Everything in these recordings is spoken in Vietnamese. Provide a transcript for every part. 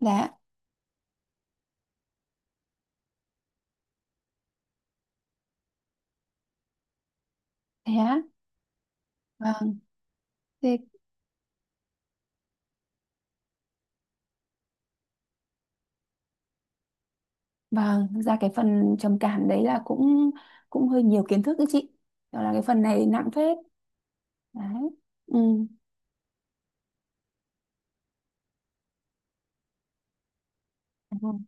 Dạ, thế á. Vâng, thế, vâng, thực ra cái phần trầm cảm đấy là cũng cũng hơi nhiều kiến thức đấy chị. Đó là cái phần này nặng phết. Đấy. Ừ. Ừ.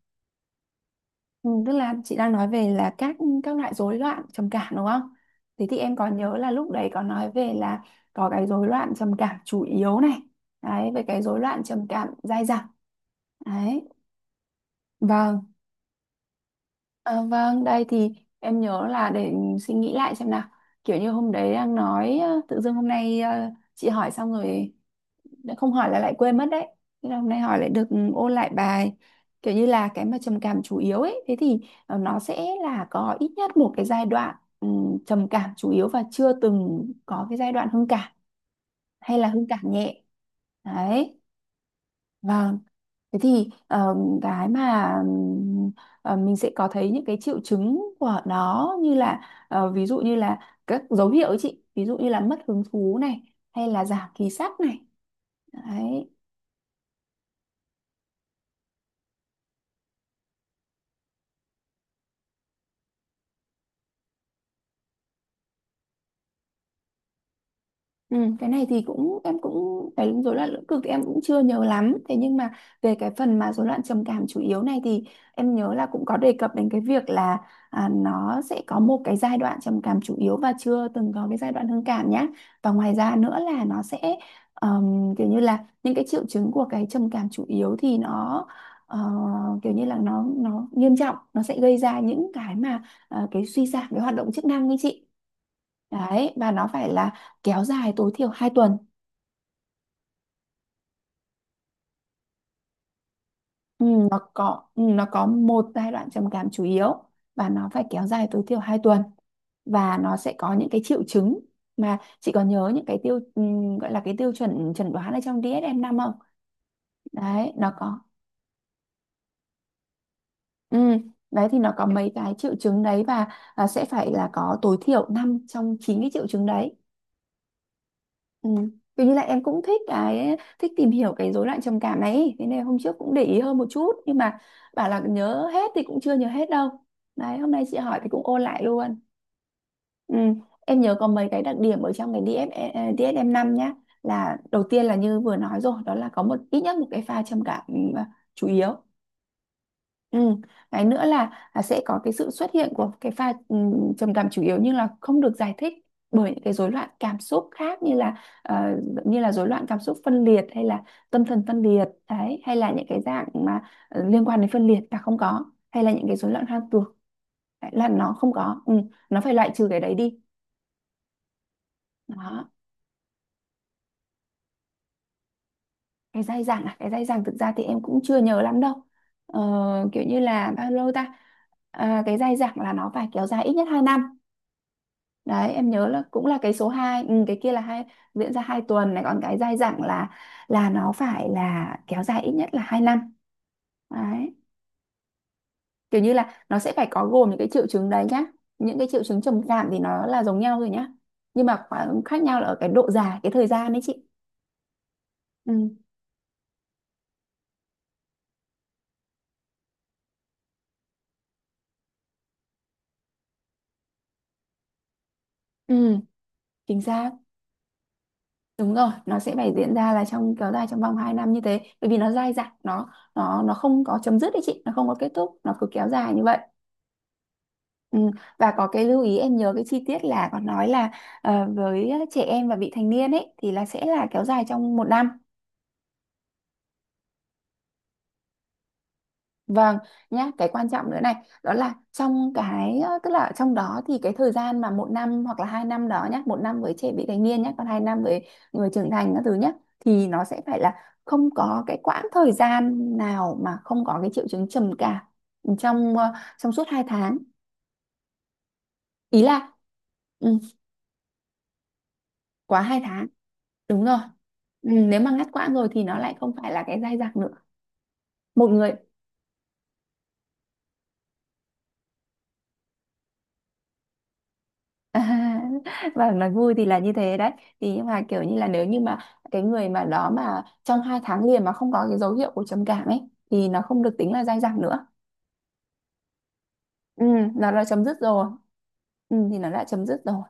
Ừ, tức là chị đang nói về là các loại rối loạn trầm cảm đúng không? Thế thì em còn nhớ là lúc đấy có nói về là có cái rối loạn trầm cảm chủ yếu này. Đấy, về cái rối loạn trầm cảm dai dẳng. Đấy. Vâng. À, vâng, đây thì em nhớ là để suy nghĩ lại xem nào. Kiểu như hôm đấy đang nói tự dưng hôm nay chị hỏi xong rồi đã không hỏi là lại quên mất đấy. Thế là hôm nay hỏi lại được ôn lại bài. Kiểu như là cái mà trầm cảm chủ yếu ấy, thế thì nó sẽ là có ít nhất một cái giai đoạn ừ, trầm cảm chủ yếu và chưa từng có cái giai đoạn hưng cảm hay là hưng cảm nhẹ. Đấy. Vâng. Thế thì cái mà ừm, mình sẽ có thấy những cái triệu chứng của nó như là ví dụ như là các dấu hiệu ấy chị, ví dụ như là mất hứng thú này hay là giảm khí sắc này. Đấy. Ừ, cái này thì cũng em cũng cái rối loạn lưỡng cực thì em cũng chưa nhớ lắm, thế nhưng mà về cái phần mà rối loạn trầm cảm chủ yếu này thì em nhớ là cũng có đề cập đến cái việc là à, nó sẽ có một cái giai đoạn trầm cảm chủ yếu và chưa từng có cái giai đoạn hưng cảm nhá. Và ngoài ra nữa là nó sẽ kiểu như là những cái triệu chứng của cái trầm cảm chủ yếu thì nó ờ, kiểu như là nó nghiêm trọng, nó sẽ gây ra những cái mà cái suy giảm cái hoạt động chức năng như chị. Đấy, và nó phải là kéo dài tối thiểu 2 tuần. Ừ, nó có một giai đoạn trầm cảm chủ yếu và nó phải kéo dài tối thiểu 2 tuần. Và nó sẽ có những cái triệu chứng mà chị có nhớ những cái gọi là cái tiêu chuẩn chẩn đoán ở trong DSM-5 không? Đấy, nó có. Ừ, đấy thì nó có mấy cái triệu chứng đấy và à, sẽ phải là có tối thiểu 5 trong 9 cái triệu chứng đấy. Ừ. Kiểu như là em cũng thích cái thích tìm hiểu cái rối loạn trầm cảm này ý. Thế nên hôm trước cũng để ý hơn một chút nhưng mà bảo là nhớ hết thì cũng chưa nhớ hết đâu. Đấy, hôm nay chị hỏi thì cũng ôn lại luôn. Ừ. Em nhớ có mấy cái đặc điểm ở trong cái DF, DSM-5 nhá. Là đầu tiên là như vừa nói rồi, đó là có ít nhất một cái pha trầm cảm chủ yếu. Ừ. Cái nữa là sẽ có cái sự xuất hiện của cái pha trầm cảm chủ yếu nhưng là không được giải thích bởi những cái rối loạn cảm xúc khác, như là ờ, như là rối loạn cảm xúc phân liệt hay là tâm thần phân liệt đấy, hay là những cái dạng mà liên quan đến phân liệt là không có, hay là những cái rối loạn hoang tưởng. Đấy, là nó không có, nó phải loại trừ cái đấy đi. Đó, cái dai dẳng thực ra thì em cũng chưa nhớ lắm đâu. Ờ, kiểu như là bao lâu ta. À, cái dai dẳng là nó phải kéo dài ít nhất 2 năm. Đấy em nhớ là cũng là cái số hai, cái kia là hai, diễn ra 2 tuần này, còn cái dai dẳng là nó phải là kéo dài ít nhất là 2 năm. Đấy, kiểu như là nó sẽ phải có gồm những cái triệu chứng đấy nhá, những cái triệu chứng trầm cảm thì nó là giống nhau rồi nhá, nhưng mà khoảng khác nhau là ở cái độ dài cái thời gian đấy chị. ừ ừ Chính xác. Đúng rồi, nó sẽ phải diễn ra là trong kéo dài trong vòng 2 năm như thế, bởi vì nó dai dẳng, nó không có chấm dứt đấy chị, nó không có kết thúc, nó cứ kéo dài như vậy. Ừ, và có cái lưu ý em nhớ cái chi tiết là có nói là với trẻ em và vị thành niên ấy thì là sẽ là kéo dài trong 1 năm. Vâng, nhá. Cái quan trọng nữa này đó là trong cái tức là trong đó thì cái thời gian mà 1 năm hoặc là 2 năm đó nhá, 1 năm với trẻ vị thành niên nhá, còn 2 năm với người trưởng thành các thứ nhá, thì nó sẽ phải là không có cái quãng thời gian nào mà không có cái triệu chứng trầm cảm trong trong suốt 2 tháng. Ý là ừ, quá 2 tháng. Đúng rồi. Ừ, nếu mà ngắt quãng rồi thì nó lại không phải là cái dai dẳng nữa. Một người và nói vui thì là như thế đấy. Thì nhưng mà kiểu như là nếu như mà cái người mà đó mà trong 2 tháng liền mà không có cái dấu hiệu của trầm cảm ấy thì nó không được tính là dai dẳng nữa. Ừ, nó đã chấm dứt rồi. Ừ, thì nó đã chấm dứt rồi.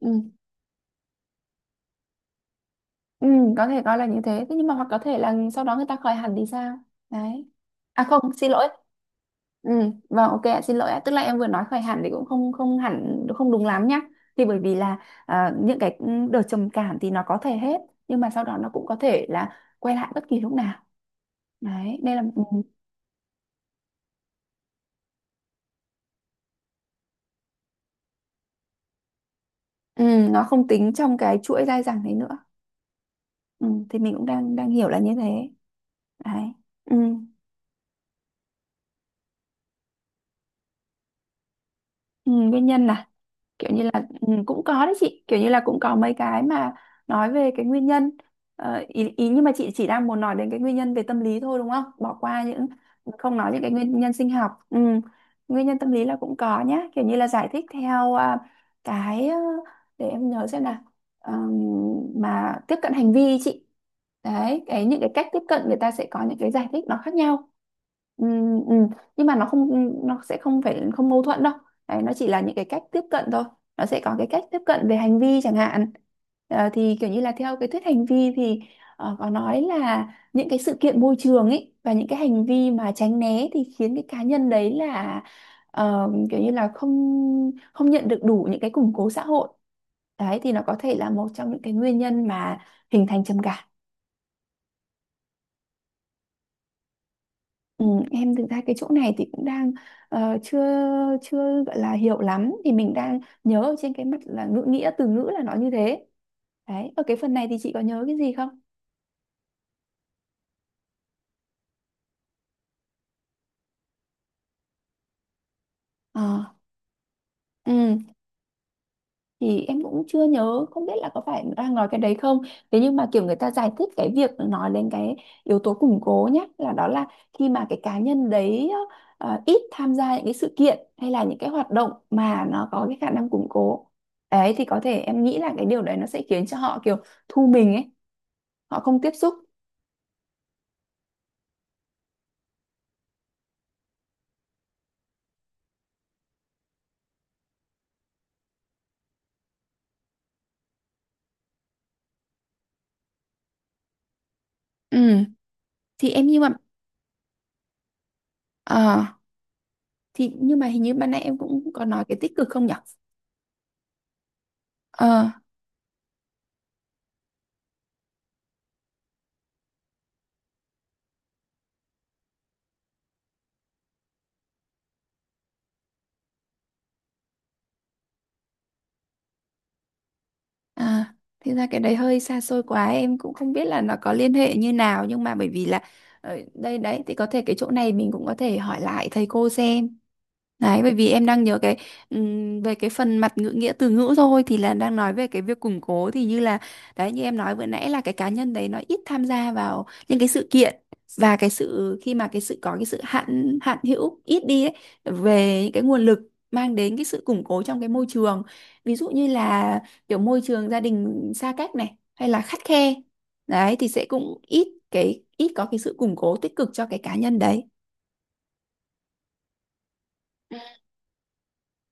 Ừ. Ừ, có thể coi là như thế. Thế nhưng mà hoặc có thể là sau đó người ta khởi hẳn thì sao? Đấy. À không, xin lỗi. Ừ, vâng ok ạ, xin lỗi ạ. Tức là em vừa nói khởi hẳn thì cũng không không hẳn không đúng lắm nhá. Thì bởi vì là à, những cái đợt trầm cảm thì nó có thể hết nhưng mà sau đó nó cũng có thể là quay lại bất kỳ lúc nào. Đấy, đây là ừ, nó không tính trong cái chuỗi dai dẳng đấy nữa. Ừ, thì mình cũng đang đang hiểu là như thế. Đấy. Ừ. Ừ, nguyên nhân là kiểu như là cũng có đấy chị, kiểu như là cũng có mấy cái mà nói về cái nguyên nhân. Ờ, ý nhưng mà chị chỉ đang muốn nói đến cái nguyên nhân về tâm lý thôi đúng không, bỏ qua những không nói những cái nguyên nhân sinh học ừ. Nguyên nhân tâm lý là cũng có nhá, kiểu như là giải thích theo à, cái để em nhớ xem nào. Ờm, mà tiếp cận hành vi ý chị, đấy cái những cái cách tiếp cận người ta sẽ có những cái giải thích nó khác nhau. Ừm, ừm. Nhưng mà nó không nó sẽ không phải không mâu thuẫn đâu. Đấy, nó chỉ là những cái cách tiếp cận thôi, nó sẽ có cái cách tiếp cận về hành vi chẳng hạn. Ờ, thì kiểu như là theo cái thuyết hành vi thì có nói là những cái sự kiện môi trường ấy và những cái hành vi mà tránh né thì khiến cái cá nhân đấy là kiểu như là không không nhận được đủ những cái củng cố xã hội. Đấy thì nó có thể là một trong những cái nguyên nhân mà hình thành trầm cảm. Ừ, em thực ra cái chỗ này thì cũng đang ờ, chưa chưa gọi là hiểu lắm, thì mình đang nhớ ở trên cái mặt là ngữ nghĩa từ ngữ là nó như thế. Đấy, ở cái phần này thì chị có nhớ cái gì không? ờ ừ. Thì em cũng chưa nhớ, không biết là có phải đang nói cái đấy không, thế nhưng mà kiểu người ta giải thích cái việc nói lên cái yếu tố củng cố nhé, là đó là khi mà cái cá nhân đấy ít tham gia những cái sự kiện hay là những cái hoạt động mà nó có cái khả năng củng cố ấy, thì có thể em nghĩ là cái điều đấy nó sẽ khiến cho họ kiểu thu mình ấy, họ không tiếp xúc. ừ thì em như mà ờ thì nhưng mà hình như ban nãy em cũng có nói cái tích cực không nhỉ? Ờ À, thì ra cái đấy hơi xa xôi quá, em cũng không biết là nó có liên hệ như nào, nhưng mà bởi vì là ờ, đây đấy thì có thể cái chỗ này mình cũng có thể hỏi lại thầy cô xem. Đấy, bởi vì em đang nhớ cái về cái phần mặt ngữ nghĩa từ ngữ thôi thì là đang nói về cái việc củng cố, thì như là đấy như em nói vừa nãy là cái cá nhân đấy nó ít tham gia vào những cái sự kiện, và cái sự khi mà cái sự có cái sự hạn hạn hữu ít đi ấy, về những cái nguồn lực mang đến cái sự củng cố trong cái môi trường. Ví dụ như là kiểu môi trường gia đình xa cách này hay là khắt khe, đấy thì sẽ cũng ít có cái sự củng cố tích cực cho cái cá nhân đấy.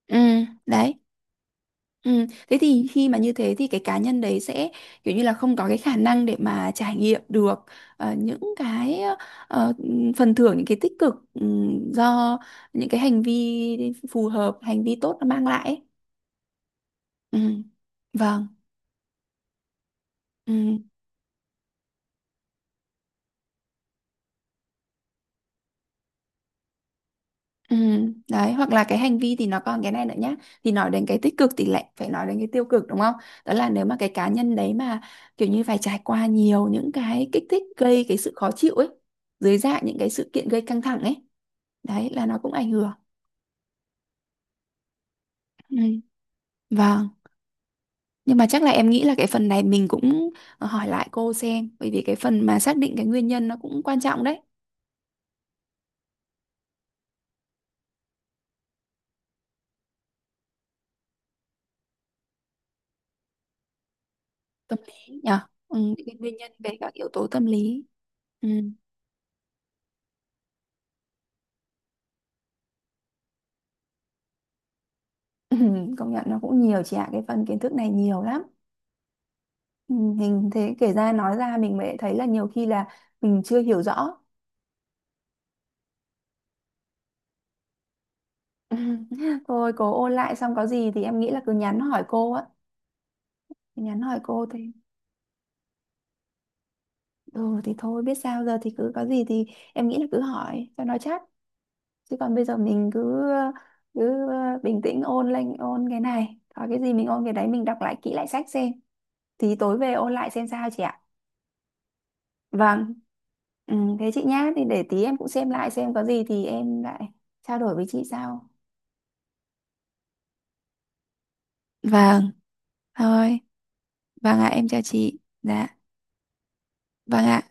Ừ. Đấy. Ừ. Thế thì khi mà như thế thì cái cá nhân đấy sẽ kiểu như là không có cái khả năng để mà trải nghiệm được ờ, những cái ờ, phần thưởng những cái tích cực, do những cái hành vi phù hợp hành vi tốt nó mang lại ấy. Ừ. Vâng. Ừ. Ừ, đấy hoặc là cái hành vi thì nó còn cái này nữa nhá, thì nói đến cái tích cực thì lại phải nói đến cái tiêu cực đúng không, đó là nếu mà cái cá nhân đấy mà kiểu như phải trải qua nhiều những cái kích thích gây cái sự khó chịu ấy, dưới dạng những cái sự kiện gây căng thẳng ấy, đấy là nó cũng ảnh hưởng ừ. Vâng, nhưng mà chắc là em nghĩ là cái phần này mình cũng hỏi lại cô xem, bởi vì cái phần mà xác định cái nguyên nhân nó cũng quan trọng đấy. Tâm lý nhở. Ừ, những cái nguyên nhân về các yếu tố tâm lý ừ. Ừ, công nhận nó cũng nhiều chị ạ, cái phần kiến thức này nhiều lắm ừ. Mình thế kể ra nói ra mình mới thấy là nhiều khi là mình chưa hiểu rõ. Ừ, thôi cố ôn lại xong có gì thì em nghĩ là cứ nhắn hỏi cô á, nhắn hỏi cô thì ừ thì thôi biết sao giờ, thì cứ có gì thì em nghĩ là cứ hỏi cho nó chắc. Chứ còn bây giờ mình cứ cứ bình tĩnh ôn lên, ôn cái này có cái gì mình ôn cái đấy, mình đọc lại kỹ lại sách xem, thì tối về ôn lại xem sao chị ạ. Vâng. Ừ, thế chị nhá, thì để tí em cũng xem lại xem có gì thì em lại trao đổi với chị sau. Vâng, thôi. Vâng ạ, em chào chị. Dạ. Vâng ạ.